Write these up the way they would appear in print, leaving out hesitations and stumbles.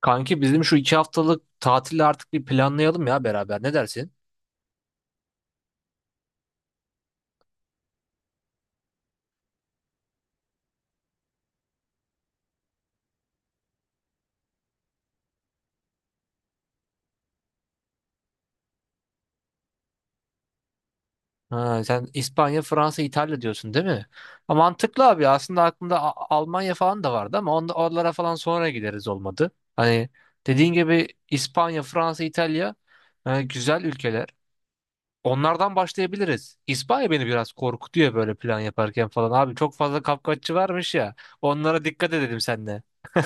Kanki bizim şu iki haftalık tatili artık bir planlayalım ya beraber. Ne dersin? Ha, sen İspanya, Fransa, İtalya diyorsun değil mi? Ha, mantıklı abi. Aslında aklımda Almanya falan da vardı ama oralara falan sonra gideriz olmadı. Hani dediğin gibi İspanya, Fransa, İtalya, güzel ülkeler. Onlardan başlayabiliriz. İspanya beni biraz korkutuyor böyle plan yaparken falan. Abi çok fazla kapkaççı varmış ya. Onlara dikkat edelim senle.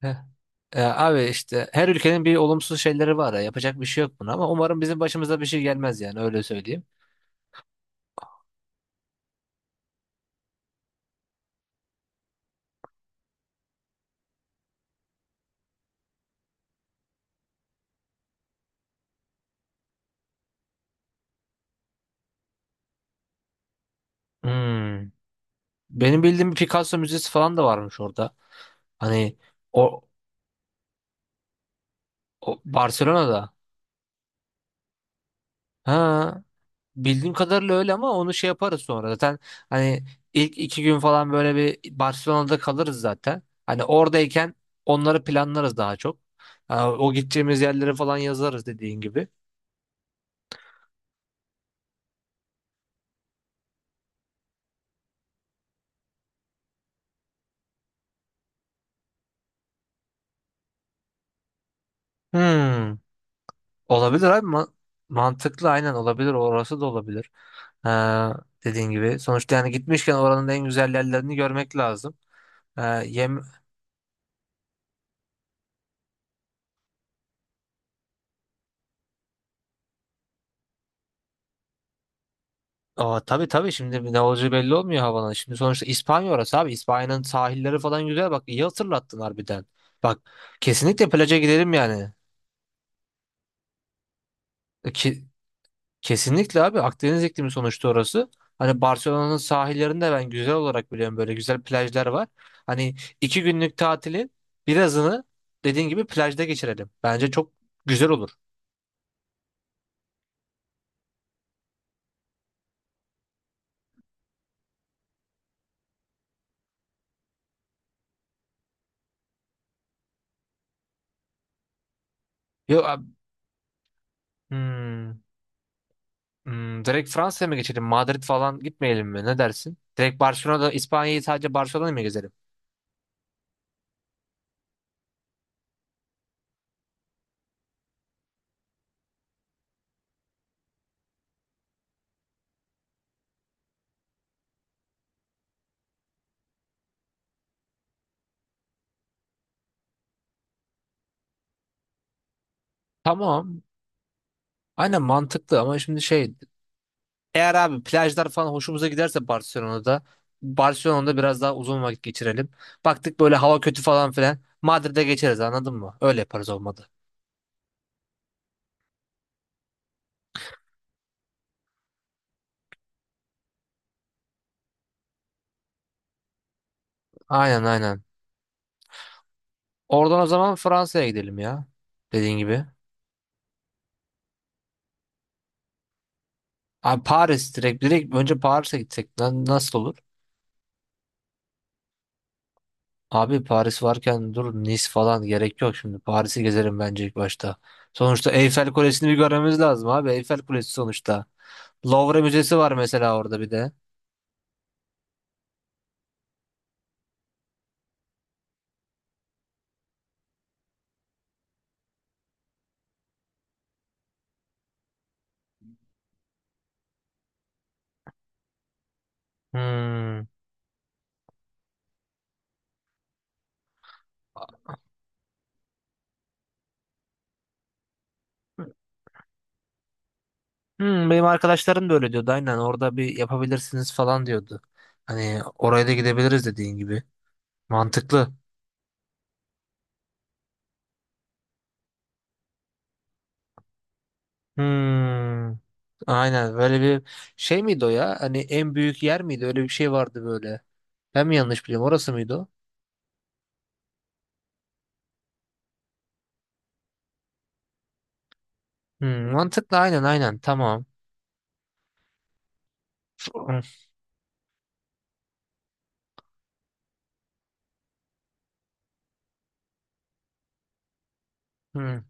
Heh. E, abi işte her ülkenin bir olumsuz şeyleri var ya. Yapacak bir şey yok buna ama umarım bizim başımıza bir şey gelmez, yani öyle söyleyeyim. Hmm. Benim bildiğim bir Picasso müzesi falan da varmış orada. Hani o, o Barcelona'da. Ha, bildiğim kadarıyla öyle ama onu şey yaparız sonra. Zaten hani ilk iki gün falan böyle bir Barcelona'da kalırız zaten. Hani oradayken onları planlarız daha çok. Ha, o gideceğimiz yerleri falan yazarız dediğin gibi. Hmm, olabilir abi. Mantıklı aynen olabilir. Orası da olabilir. Ha, dediğin gibi. Sonuçta yani gitmişken oranın en güzel yerlerini görmek lazım. Ha, yem Aa, tabii tabii, şimdi ne olacağı belli olmuyor havanın. Şimdi sonuçta İspanya orası abi. İspanya'nın sahilleri falan güzel. Bak iyi hatırlattın harbiden. Bak, kesinlikle plaja gidelim yani. E, Ki, Kesinlikle abi, Akdeniz iklimi sonuçta orası. Hani Barcelona'nın sahillerinde ben güzel olarak biliyorum, böyle güzel plajlar var. Hani iki günlük tatilin birazını dediğin gibi plajda geçirelim. Bence çok güzel olur. Yo, hmm. Hmm, direkt Fransa'ya mı geçelim? Madrid falan gitmeyelim mi? Ne dersin? Direkt Barcelona'da, İspanya'yı sadece Barcelona'yı mı gezelim? Tamam. Aynen, mantıklı ama şimdi eğer abi plajlar falan hoşumuza giderse Barcelona'da biraz daha uzun vakit geçirelim. Baktık böyle hava kötü falan filan, Madrid'e geçeriz, anladın mı? Öyle yaparız olmadı. Aynen aynen. Oradan o zaman Fransa'ya gidelim ya. Dediğin gibi. Abi Paris, direkt direkt önce Paris'e gitsek nasıl olur? Abi Paris varken dur, Nice falan gerek yok şimdi. Paris'i gezelim bence ilk başta. Sonuçta Eyfel Kulesi'ni bir görmemiz lazım abi. Eyfel Kulesi sonuçta. Louvre Müzesi var mesela orada bir de. Hmm. Hmm, benim arkadaşlarım da öyle diyordu. Aynen, orada bir yapabilirsiniz falan diyordu. Hani oraya da gidebiliriz dediğin gibi. Mantıklı. Hmm. Aynen, böyle bir şey miydi o ya? Hani en büyük yer miydi? Öyle bir şey vardı böyle. Ben mi yanlış biliyorum? Orası mıydı o? Hmm, mantıklı aynen aynen tamam. Hı, hı.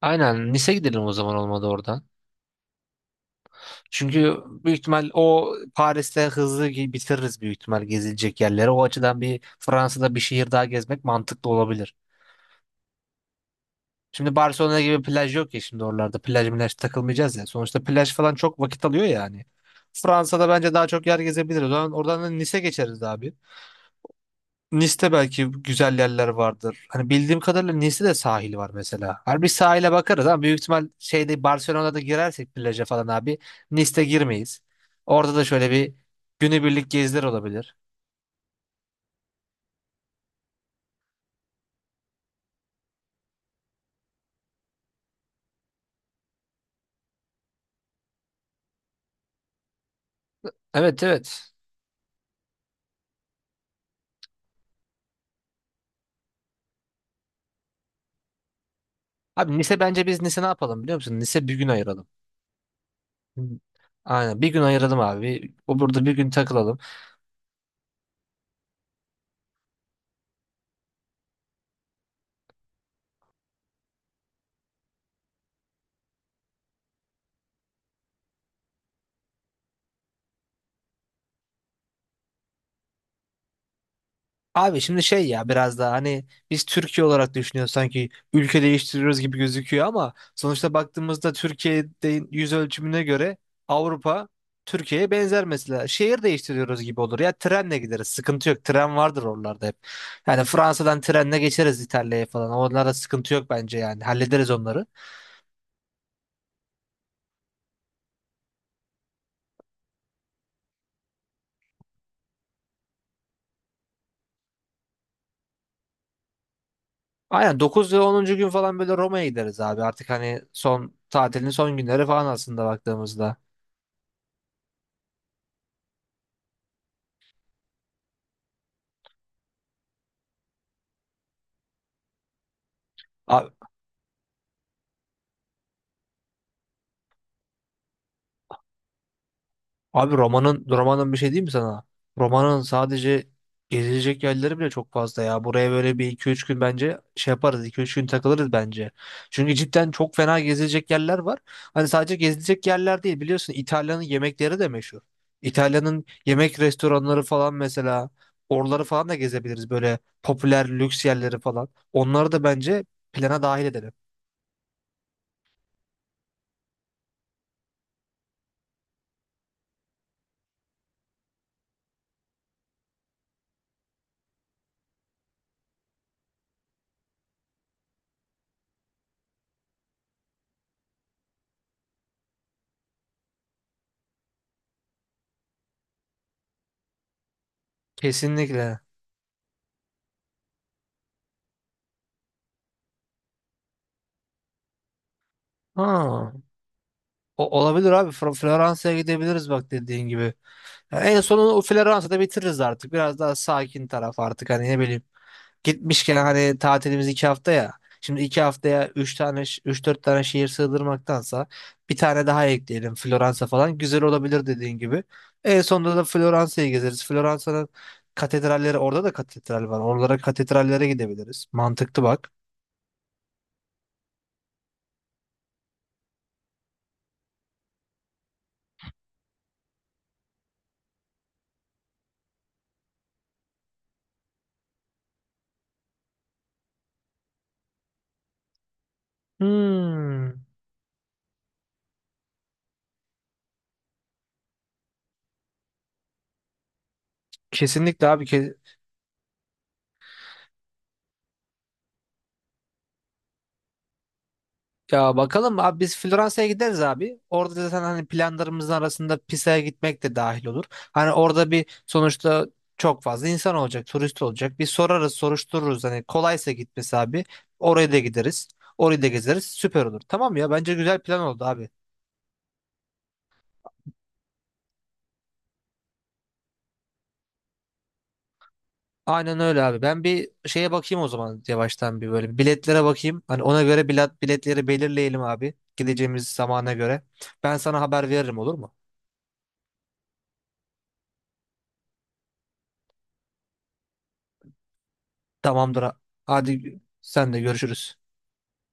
Aynen, Nice gidelim o zaman olmadı oradan. Çünkü büyük ihtimal o Paris'te hızlı bitiririz büyük ihtimal gezilecek yerleri. O açıdan bir Fransa'da bir şehir daha gezmek mantıklı olabilir. Şimdi Barcelona gibi plaj yok ya, şimdi oralarda plaj milaj takılmayacağız ya. Sonuçta plaj falan çok vakit alıyor yani. Fransa'da bence daha çok yer gezebiliriz. O zaman oradan da Nice geçeriz abi. Nice'te belki güzel yerler vardır. Hani bildiğim kadarıyla Nice'te de sahil var mesela. Hani bir sahile bakarız ama büyük ihtimal şeyde, Barcelona'da girersek plaja falan abi, Nice'te girmeyiz. Orada da şöyle bir günübirlik geziler olabilir. Evet evet. Abi Nice, bence biz Nice ne yapalım biliyor musun? Nice bir gün ayıralım. Hı. Aynen bir gün ayıralım abi. O burada bir gün takılalım. Abi şimdi şey ya, biraz daha hani biz Türkiye olarak düşünüyoruz, sanki ülke değiştiriyoruz gibi gözüküyor ama sonuçta baktığımızda Türkiye'de yüz ölçümüne göre Avrupa Türkiye'ye benzer mesela. Şehir değiştiriyoruz gibi olur ya, trenle gideriz, sıkıntı yok, tren vardır oralarda hep. Yani Fransa'dan trenle geçeriz, İtalya'ya falan onlarda sıkıntı yok bence, yani hallederiz onları. Aynen 9 ve 10. gün falan böyle Roma'ya gideriz abi, artık hani son tatilin son günleri falan aslında baktığımızda. Abi romanın bir şey değil mi sana? Romanın sadece gezilecek yerleri bile çok fazla ya. Buraya böyle bir iki üç gün bence şey yaparız. İki üç gün takılırız bence. Çünkü cidden çok fena gezilecek yerler var. Hani sadece gezilecek yerler değil, biliyorsun İtalya'nın yemekleri de meşhur. İtalya'nın yemek restoranları falan mesela, oraları falan da gezebiliriz böyle popüler lüks yerleri falan. Onları da bence plana dahil edelim. Kesinlikle. Ha. O olabilir abi. Floransa'ya gidebiliriz bak, dediğin gibi. Ya, en sonunu o Floransa'da bitiririz artık. Biraz daha sakin taraf artık, hani ne bileyim. Gitmişken, hani tatilimiz iki hafta ya. Şimdi iki haftaya üç tane, üç dört tane şehir sığdırmaktansa bir tane daha ekleyelim, Floransa falan. Güzel olabilir dediğin gibi. En sonunda da Floransa'yı gezeriz. Floransa'nın katedralleri, orada da katedral var. Oralara, katedrallere gidebiliriz. Mantıklı bak. Hmm. Kesinlikle abi. Ya bakalım abi, biz Floransa'ya gideriz abi. Orada zaten hani planlarımızın arasında Pisa'ya gitmek de dahil olur. Hani orada bir sonuçta çok fazla insan olacak, turist olacak. Bir sorarız, soruştururuz. Hani kolaysa gitmesi abi. Oraya da gideriz. Orayı da gezeriz. Süper olur. Tamam ya, bence güzel plan oldu abi. Aynen öyle abi. Ben bir şeye bakayım o zaman, yavaştan bir böyle biletlere bakayım. Hani ona göre biletleri belirleyelim abi. Gideceğimiz zamana göre. Ben sana haber veririm olur mu? Tamamdır. Hadi sen de görüşürüz.